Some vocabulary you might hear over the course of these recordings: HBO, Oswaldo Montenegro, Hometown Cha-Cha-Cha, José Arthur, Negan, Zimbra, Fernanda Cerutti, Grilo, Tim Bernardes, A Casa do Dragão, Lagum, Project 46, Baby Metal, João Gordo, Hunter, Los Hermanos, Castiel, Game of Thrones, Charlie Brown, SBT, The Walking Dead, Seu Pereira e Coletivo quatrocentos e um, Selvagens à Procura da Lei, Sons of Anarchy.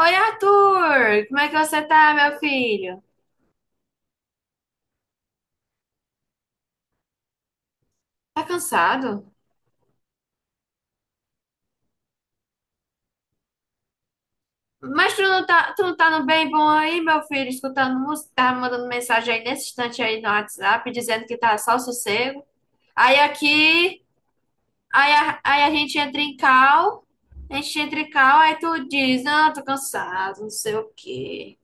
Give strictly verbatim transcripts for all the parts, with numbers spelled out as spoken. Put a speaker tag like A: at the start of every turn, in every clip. A: Oi, Arthur! Como é que você tá, meu filho? Tá cansado? Mas tu não tá, tu não tá no bem bom aí, meu filho, escutando música, tá mandando mensagem aí nesse instante aí no WhatsApp, dizendo que tá só sossego. Aí aqui, aí a, aí a gente entra em cal, a gente entra em cal, aí tu diz, não, tô cansado, não sei o quê.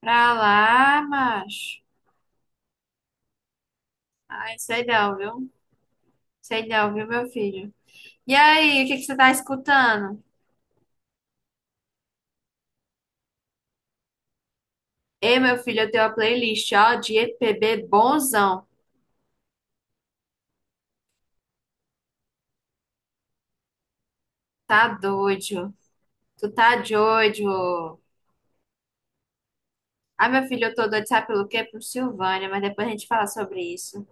A: Pra lá, macho. Ai, sei não, viu? Sei não, viu, meu filho? E aí, o que que você tá escutando? Ei, meu filho, eu tenho uma playlist, ó, de E P B bonzão. Tá doido. Tu tá doido. Ai, meu filho, eu tô doido, sabe pelo quê? Pro Silvânia, mas depois a gente fala sobre isso.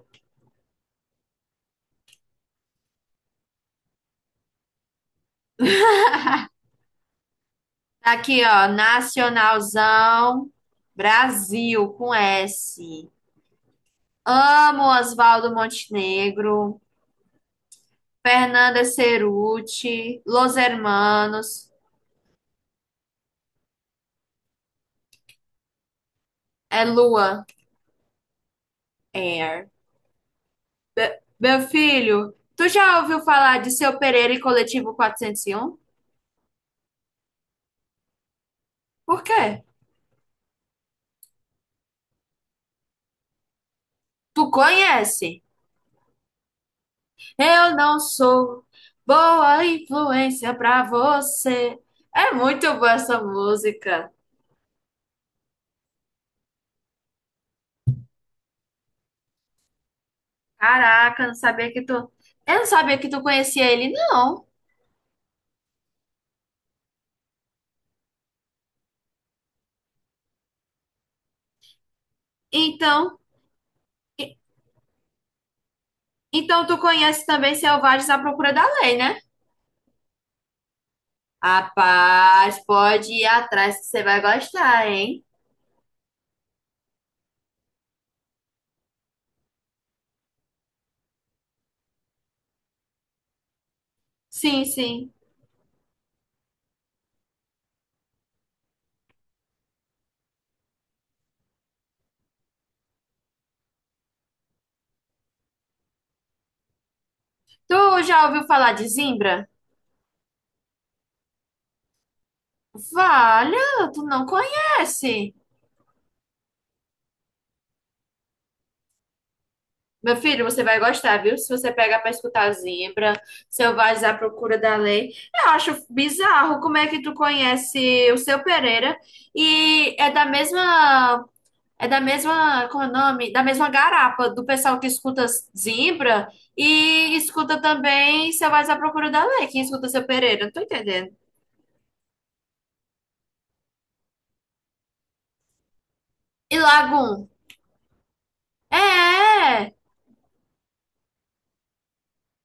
A: Tá aqui, ó, Nacionalzão Brasil, com S. Amo Oswaldo Montenegro, Fernanda Cerutti, Los Hermanos, é Lua Air. Be- meu filho, tu já ouviu falar de Seu Pereira e Coletivo quatrocentos e um? Por quê? Tu conhece? Eu não sou boa influência pra você. É muito boa essa música. Caraca, eu não sabia que tu. Eu não sabia que tu conhecia ele, não. Então, então tu conhece também Selvagens à Procura da Lei, né? Rapaz, pode ir atrás que você vai gostar, hein? Sim, sim. Tu já ouviu falar de Zimbra? Valha, tu não conhece. Meu filho, você vai gostar, viu? Se você pega pra escutar Zimbra, Selvagens à Procura da Lei. Eu acho bizarro como é que tu conhece o Seu Pereira e é da mesma. É da mesma. Como é o nome? Da mesma garapa do pessoal que escuta Zimbra e escuta também Selvagens à Procura da Lei. Quem escuta Seu Pereira? Não tô entendendo. E Lagum? É! É.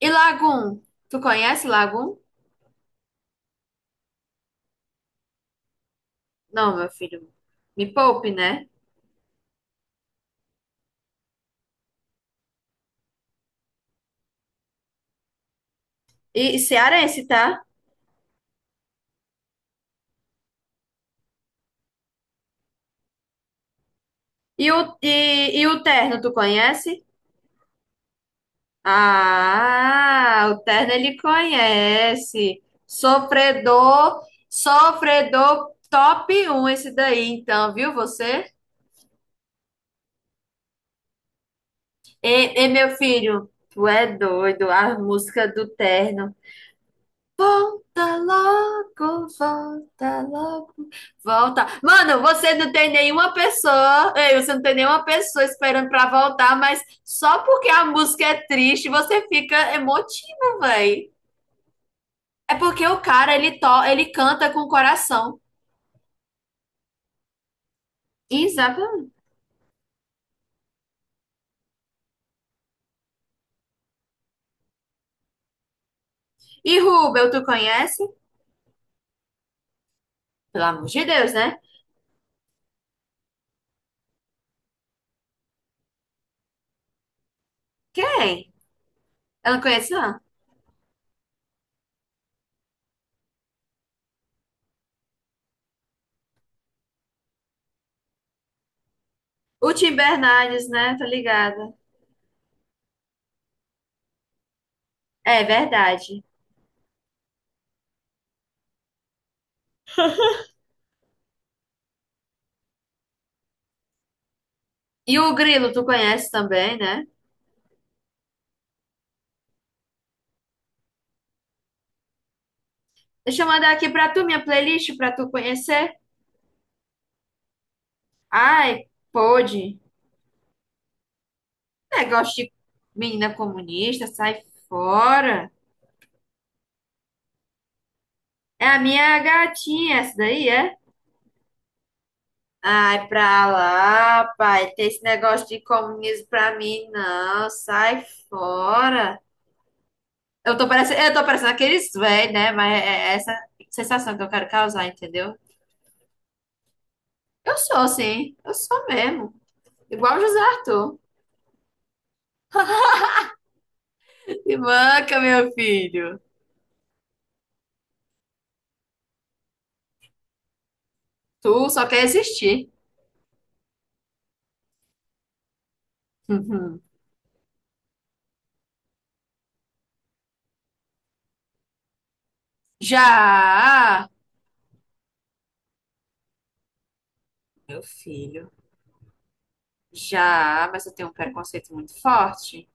A: E Lagum? Tu conhece Lagum? Não, meu filho. Me poupe, né? E e cearense, tá? E o, e, e o terno, tu conhece? Ah, o terno ele conhece. Sofredor, sofredor top um esse daí, então, viu você? E, e, meu filho, tu é doido, a música do terno. Volta logo, volta logo. Volta. Mano, você não tem nenhuma pessoa, ei, você não tem nenhuma pessoa esperando pra voltar, mas só porque a música é triste, você fica emotivo, véi. É porque o cara, ele to, ele canta com o coração. Exatamente. E Rubel, tu conhece? Pelo amor de Deus, né? Quem? Eu não conheço, não. O Tim Bernardes, né? Tá ligada. É verdade. E o Grilo, tu conhece também, né? Deixa eu mandar aqui pra tu minha playlist pra tu conhecer. Ai, pode. Negócio de menina comunista, sai fora. É a minha gatinha, essa daí, é? Ai, pra lá, pai. Tem esse negócio de comunismo pra mim, não. Sai fora. Eu tô parecendo, eu tô parecendo aqueles velhos, né? Mas é é essa sensação que eu quero causar, entendeu? Eu sou, sim. Eu sou mesmo. Igual o José Arthur. Que manca, meu filho. Tu só quer existir. Uhum. Já, meu filho. Já, mas eu tenho um preconceito muito forte.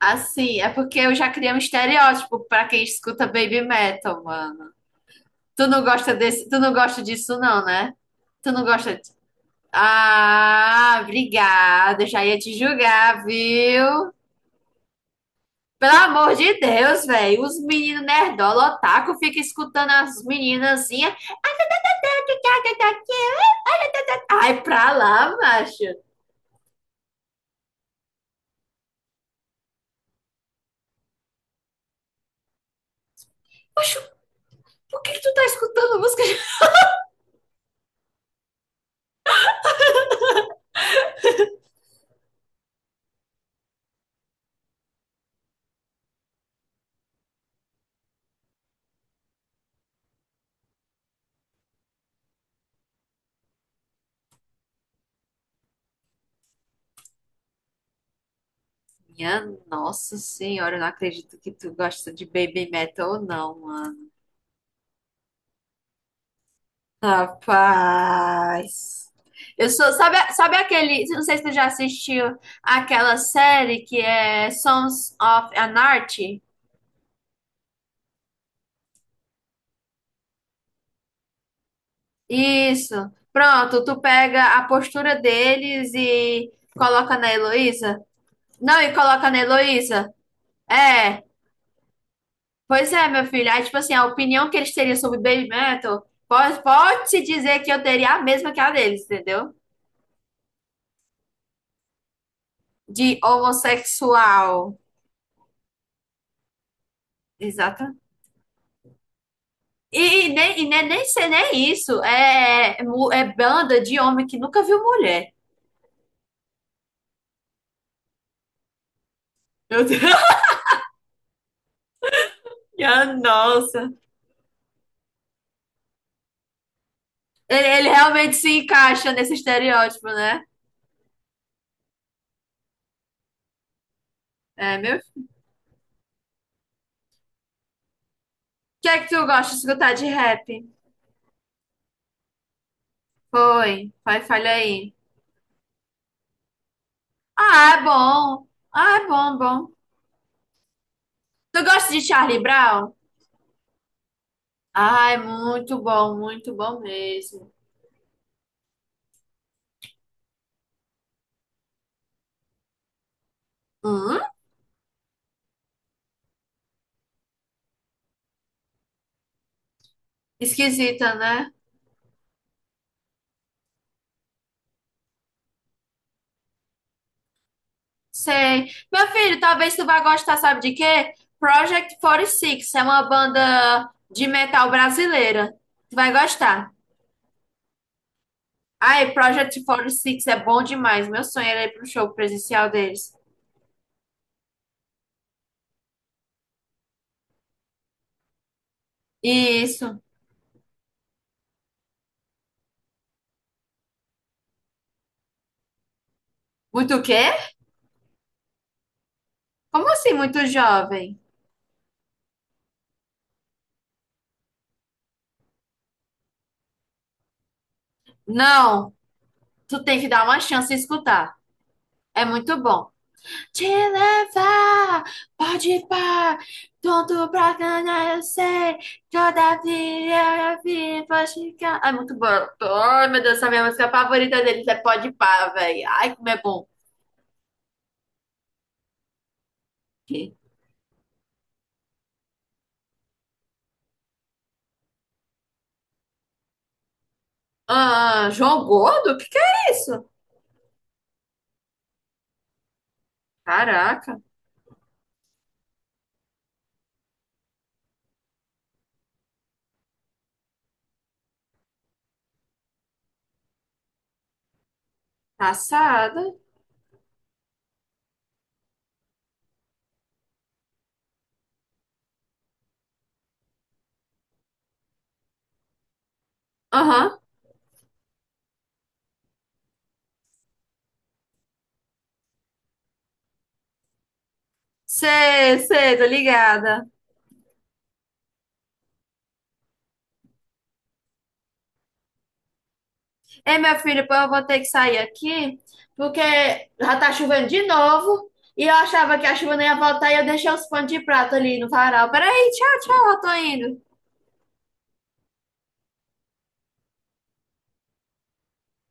A: Assim, é porque eu já criei um estereótipo pra quem escuta baby metal, mano. Tu não gosta desse, tu não gosta disso não, né? Tu não gosta de... Ah, obrigada, eu já ia te julgar, viu? Pelo amor de Deus, velho, os meninos nerdola, otaku, fica escutando as meninazinhas. Ai, pra lá, macho. Macho, por que que tu tá escutando música. Minha nossa senhora, eu não acredito que tu gosta de baby metal ou não, mano. Rapaz. Eu sou, sabe, sabe aquele, não sei se tu já assistiu aquela série que é Sons of Anarchy? Isso. Pronto, tu pega a postura deles e coloca na Heloísa. Não, e coloca na Heloísa. É. Pois é, meu filho. Aí, tipo assim, a opinião que eles teriam sobre Baby Metal pode, pode se dizer que eu teria a mesma que a deles, entendeu? De homossexual. Exato. E, e nem, e nem, nem ser nem isso. É, é, mu- é banda de homem que nunca viu mulher. Meu Deus. Minha nossa. Ele, ele realmente se encaixa nesse estereótipo, né? É, meu. O que é que tu gosta de escutar de rap? Foi. Vai, falha aí. Ah, é bom. Ah, é bom, bom. Tu gosta de Charlie Brown? Ai, muito bom, muito bom mesmo. Hum? Esquisita, né? Sei. Meu filho, talvez tu vá gostar, sabe de quê? Project quarenta e seis é uma banda de metal brasileira. Tu vai gostar. Ai, Project quarenta e seis é bom demais. Meu sonho era ir pro show presencial deles. Isso. Muito o quê? Como assim, muito jovem? Não, tu tem que dar uma chance e escutar. É muito bom. Te levar, pode pá, tudo pra ganhar, eu sei. Toda vida eu vi, pode ficar. Ai, muito bom. Ai, meu Deus, essa é a minha música favorita deles é Pode pá, velho. Ai, como é bom. Ah, João Gordo? O que que é isso? Caraca, passada. Aham, sei, sei, tô ligada. Ei, meu filho, pô, eu vou ter que sair aqui, porque já tá chovendo de novo. E eu achava que a chuva não ia voltar e eu deixei os panos de prato ali no varal. Peraí, tchau, tchau, eu tô indo.